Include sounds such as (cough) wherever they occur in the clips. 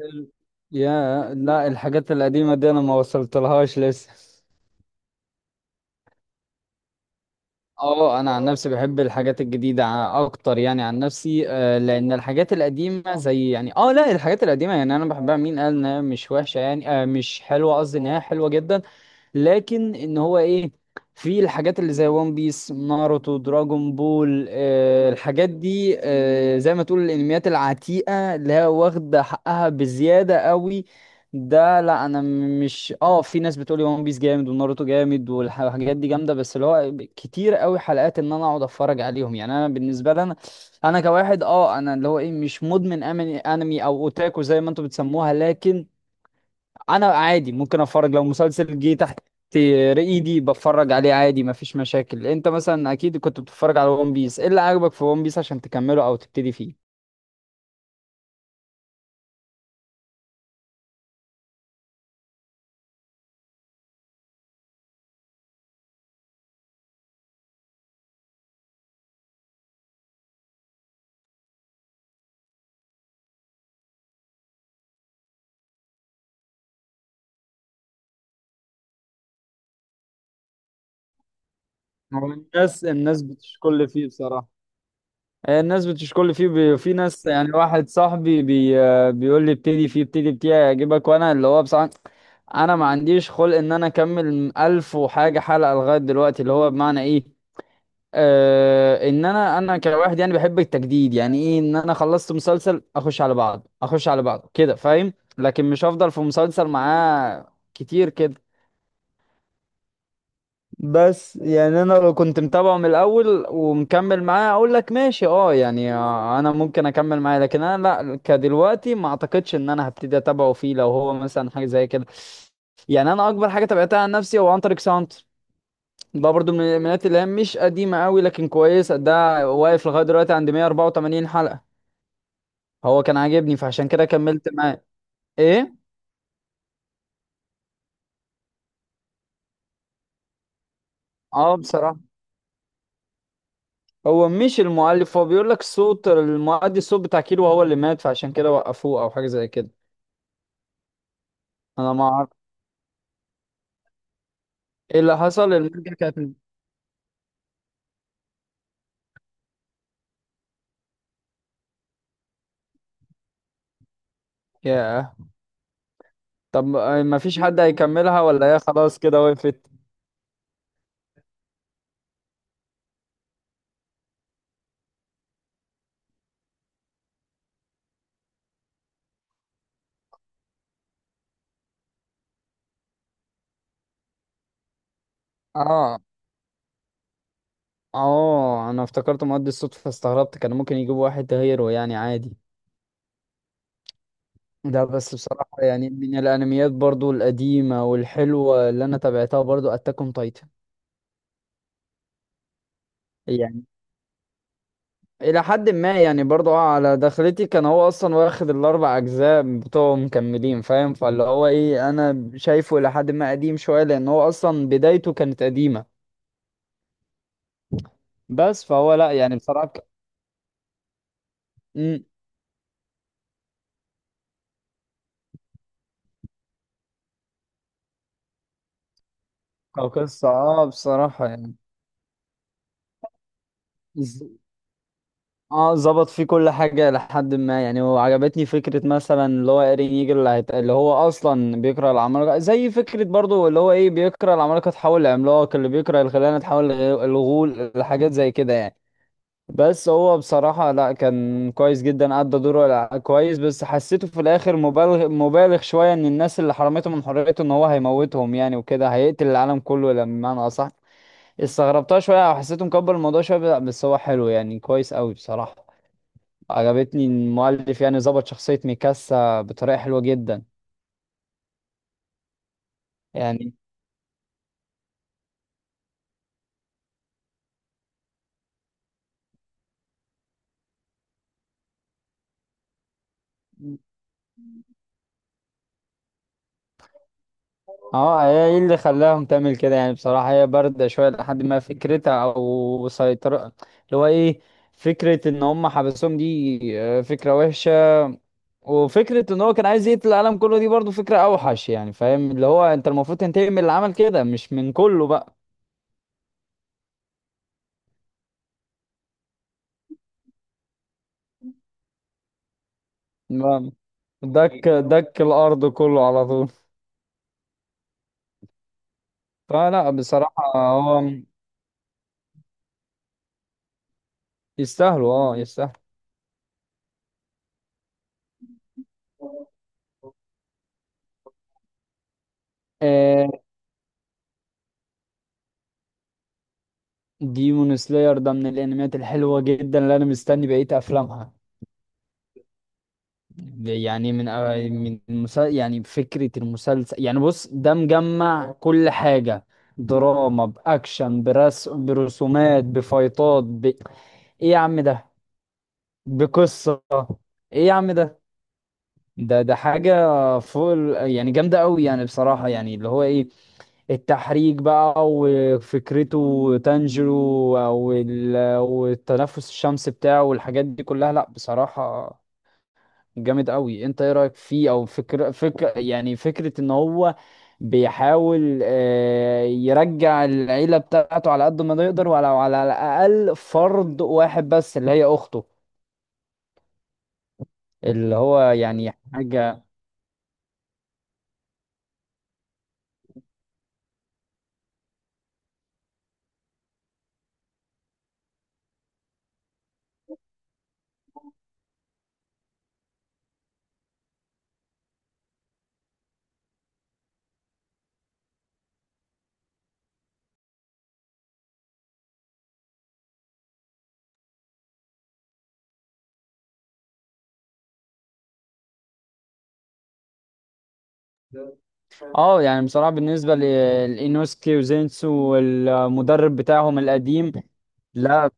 ال- يا لا الحاجات القديمة دي أنا ما وصلتلهاش لسه. اه، انا عن نفسي بحب الحاجات الجديده اكتر يعني عن نفسي آه، لان الحاجات القديمه زي يعني اه لا الحاجات القديمه يعني انا بحبها، مين قال انها مش وحشه؟ يعني آه مش حلوه، قصدي انها حلوه جدا. لكن ان هو ايه، في الحاجات اللي زي وان بيس، ناروتو، دراجون بول، آه الحاجات دي آه زي ما تقول الانميات العتيقة اللي هي واخدة حقها بزيادة قوي. ده لا انا مش اه، في ناس بتقولي وان بيس جامد وناروتو جامد والحاجات دي جامدة، بس اللي هو كتير قوي حلقات ان انا اقعد اتفرج عليهم. يعني انا بالنسبة لي انا كواحد اه، انا اللي هو ايه مش مدمن انمي او اوتاكو زي ما انتوا بتسموها، لكن انا عادي ممكن اتفرج لو مسلسل جه تحت ايدي بتفرج عليه عادي، مفيش مشاكل. انت مثلا اكيد كنت بتتفرج على ون بيس، ايه اللي عجبك في ون بيس عشان تكمله او تبتدي فيه؟ هو الناس بتشكل فيه بصراحة. الناس بتشكل فيه في ناس يعني واحد صاحبي بيقول لي ابتدي فيه ابتدي فيه هيعجبك، وانا اللي هو بصراحة انا ما عنديش خلق ان انا اكمل الف وحاجة حلقة لغاية دلوقتي، اللي هو بمعنى ايه آه ان انا كواحد يعني بحب التجديد، يعني ايه ان انا خلصت مسلسل اخش على بعض اخش على بعض كده، فاهم؟ لكن مش هفضل في مسلسل معاه كتير كده. بس يعني انا لو كنت متابعه من الاول ومكمل معاه اقول لك ماشي اه يعني آه، انا ممكن اكمل معاه، لكن انا لا كدلوقتي ما اعتقدش ان انا هبتدي اتابعه فيه لو هو مثلا حاجه زي كده. يعني انا اكبر حاجه تابعتها عن نفسي هو عنتر اكس، ده برضو من الانميات اللي هي مش قديمة قوي لكن كويس. ده واقف لغاية دلوقتي عند 184 حلقة. هو كان عاجبني فعشان كده كملت معاه. ايه. اه بصراحة هو مش المؤلف، هو بيقول لك صوت المؤدي الصوت بتاع كيلو هو اللي مات فعشان كده وقفوه او حاجة زي كده. انا ما اعرف ايه اللي حصل، المانجا كانت. ياه. طب آه، ما فيش حد هيكملها ولا هي خلاص كده وقفت؟ اه اه، انا افتكرت مؤدي الصوت فاستغربت، كان ممكن يجيبوا واحد غيره يعني عادي. ده بس بصراحة يعني من الأنميات برضو القديمة والحلوة اللي أنا تابعتها برضو أتاك أون تايتن. يعني إلى حد ما يعني برضو آه، على دخلتي كان هو أصلا واخد الأربع أجزاء بتوعه مكملين، فاهم؟ فاللي هو إيه أنا شايفه إلى حد ما قديم شوية لأن هو أصلا بدايته كانت قديمة. بس فهو لأ يعني بصراحة مم، كقصة أه بصراحة يعني اه ظبط فيه كل حاجة لحد ما، يعني وعجبتني فكرة مثلا اللي هو ايرين ييجر اللي, اللي هو أصلا بيكره العمالقة زي فكرة برضو اللي هو ايه بيكره العمالقة تحول لعملاق، اللي بيكره الخيانة تحول لغول، الحاجات زي كده يعني. بس هو بصراحة لا كان كويس جدا أدى دوره كويس، بس حسيته في الآخر مبالغ مبالغ شوية إن الناس اللي حرمته من حريته إن هو هيموتهم يعني وكده هيقتل العالم كله لما بمعنى أصح. استغربتها شوية وحسيته مكبر الموضوع شوية، بس هو حلو يعني كويس أوي بصراحة. عجبتني إن المؤلف يعني ظبط شخصية ميكاسا بطريقة حلوة جدا. يعني اه هي ايه اللي خلاهم تعمل كده يعني؟ بصراحة هي باردة شوية لحد ما فكرتها او سيطرة اللي هو ايه، فكرة ان هم حبسوهم دي آه، فكرة وحشة، وفكرة ان هو كان عايز يقتل العالم كله دي برضو فكرة اوحش يعني، فاهم؟ اللي هو انت المفروض تنتقم من اللي عمل كده مش من كله بقى. ما- دك دك الارض كله على طول. فلا بصراحة هو يستاهلوا اه يستاهلوا. آه، ديمون سلاير ده من الانميات الحلوه جدا اللي انا مستني بقيه افلامها. يعني من آه، من يعني فكره المسلسل يعني بص ده مجمع كل حاجه، دراما، باكشن، برسومات، بفايتات، ايه يا عم ده، بقصه، ايه يا عم ده، ده ده حاجه يعني جامده قوي يعني بصراحه يعني اللي هو ايه التحريك بقى وفكرته تانجيرو والتنفس الشمس بتاعه والحاجات دي كلها، لا بصراحة جامد قوي. انت ايه رأيك فيه؟ او فكرة فكرة يعني فكرة ان هو بيحاول آه، يرجع العيلة بتاعته على قد ما يقدر ولو على الأقل فرد واحد بس اللي هي أخته. اللي هو يعني حاجة اه يعني بصراحة بالنسبة لإينوسكي وزينسو والمدرب بتاعهم القديم، لا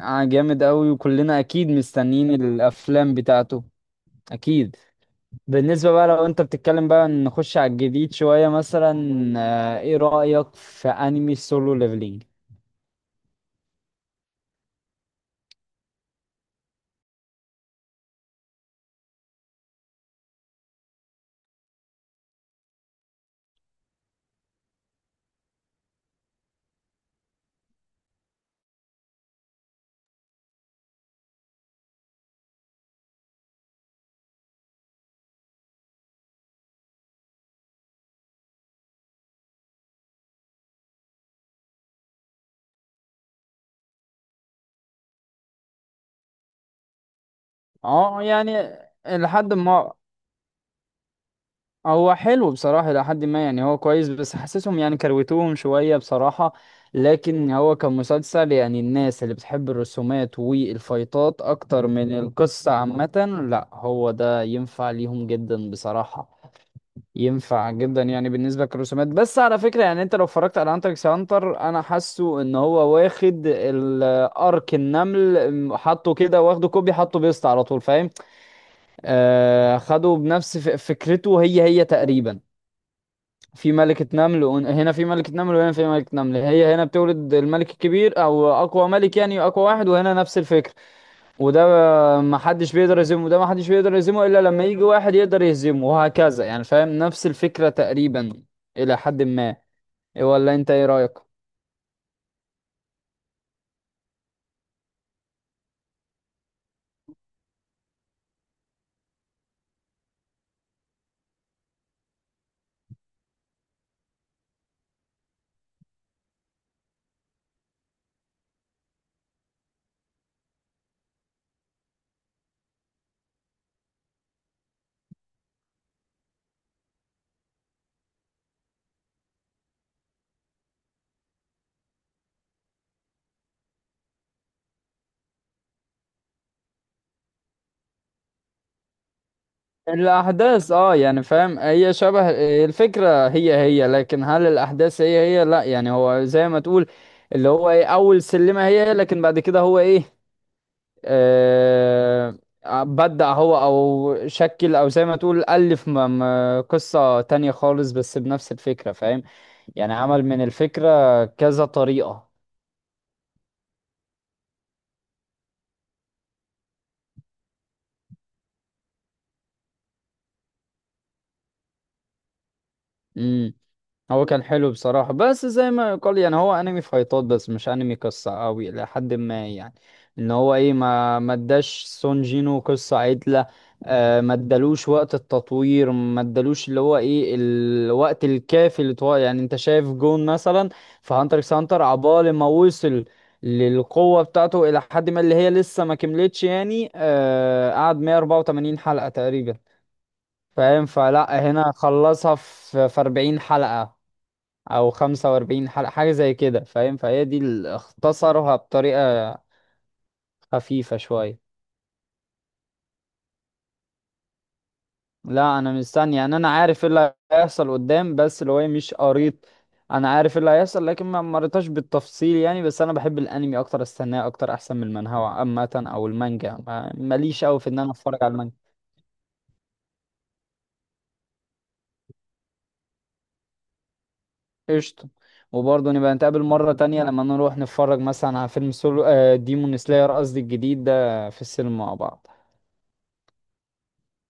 آه جامد قوي، وكلنا اكيد مستنيين الافلام بتاعته. اكيد. بالنسبة بقى لو انت بتتكلم بقى نخش على الجديد شوية، مثلا آه ايه رأيك في انمي سولو ليفلينج؟ اه يعني لحد ما هو حلو بصراحة، لحد ما يعني هو كويس بس حاسسهم يعني كروتوهم شوية بصراحة. لكن هو كمسلسل يعني الناس اللي بتحب الرسومات والفايتات اكتر من (laughs) القصة عامة، لا هو ده ينفع ليهم جدا بصراحة، ينفع جدا يعني بالنسبه للرسومات. بس على فكره يعني انت لو اتفرجت على هانتر اكس هانتر انا حاسه ان هو واخد الارك النمل حطه كده واخده كوبي حطه بيست على طول، فاهم؟ آه خده بنفس فكرته هي هي تقريبا. في ملكة نمل هنا في ملكة نمل وهنا في ملكة نمل، هي هنا بتولد الملك الكبير او اقوى ملك يعني اقوى واحد، وهنا نفس الفكرة. وده ما حدش بيقدر يهزمه، وده ما حدش بيقدر يهزمه الا لما يجي واحد يقدر يهزمه، وهكذا يعني، فاهم؟ نفس الفكرة تقريبا الى حد ما، ولا انت ايه رأيك؟ الاحداث اه يعني فاهم هي شبه، الفكرة هي هي لكن هل الاحداث هي هي؟ لا يعني هو زي ما تقول اللي هو ايه اول سلمة هي هي، لكن بعد كده هو ايه آه بدأ هو او شكل او زي ما تقول ألف قصة تانية خالص بس بنفس الفكرة، فاهم؟ يعني عمل من الفكرة كذا طريقة. امم. هو كان حلو بصراحة بس زي ما يقال، يعني هو انمي فايتات بس مش انمي قصة قوي الى حد ما، يعني ان هو ايه ما اداش سون جينو قصة عدلة، آه ما ادالوش وقت التطوير، ما ادالوش اللي هو ايه الوقت الكافي اللي طوال، يعني انت شايف جون مثلا في هانتر اكس هانتر عبال ما وصل للقوة بتاعته الى حد ما اللي هي لسه ما كملتش يعني آه قعد 184 حلقة تقريبا، فاهم؟ فلا هنا خلصها في 40 حلقة او 45 حلقة حاجة زي كده، فاهم؟ فهي دي اللي اختصرها بطريقة خفيفة شوية. لا انا مستني، يعني انا عارف ايه اللي هيحصل قدام بس اللي هو إيه مش قريت، انا عارف إيه اللي هيحصل لكن ما مريتش بالتفصيل يعني. بس انا بحب الانمي اكتر، استناه اكتر احسن من المانهوا عامة او المانجا، ماليش قوي في ان انا اتفرج على المانجا. قشطة. وبرضه نبقى نتقابل مرة تانية لما نروح نتفرج مثلا على فيلم سولو آه ديمون سلاير قصدي الجديد ده في السينما مع بعض.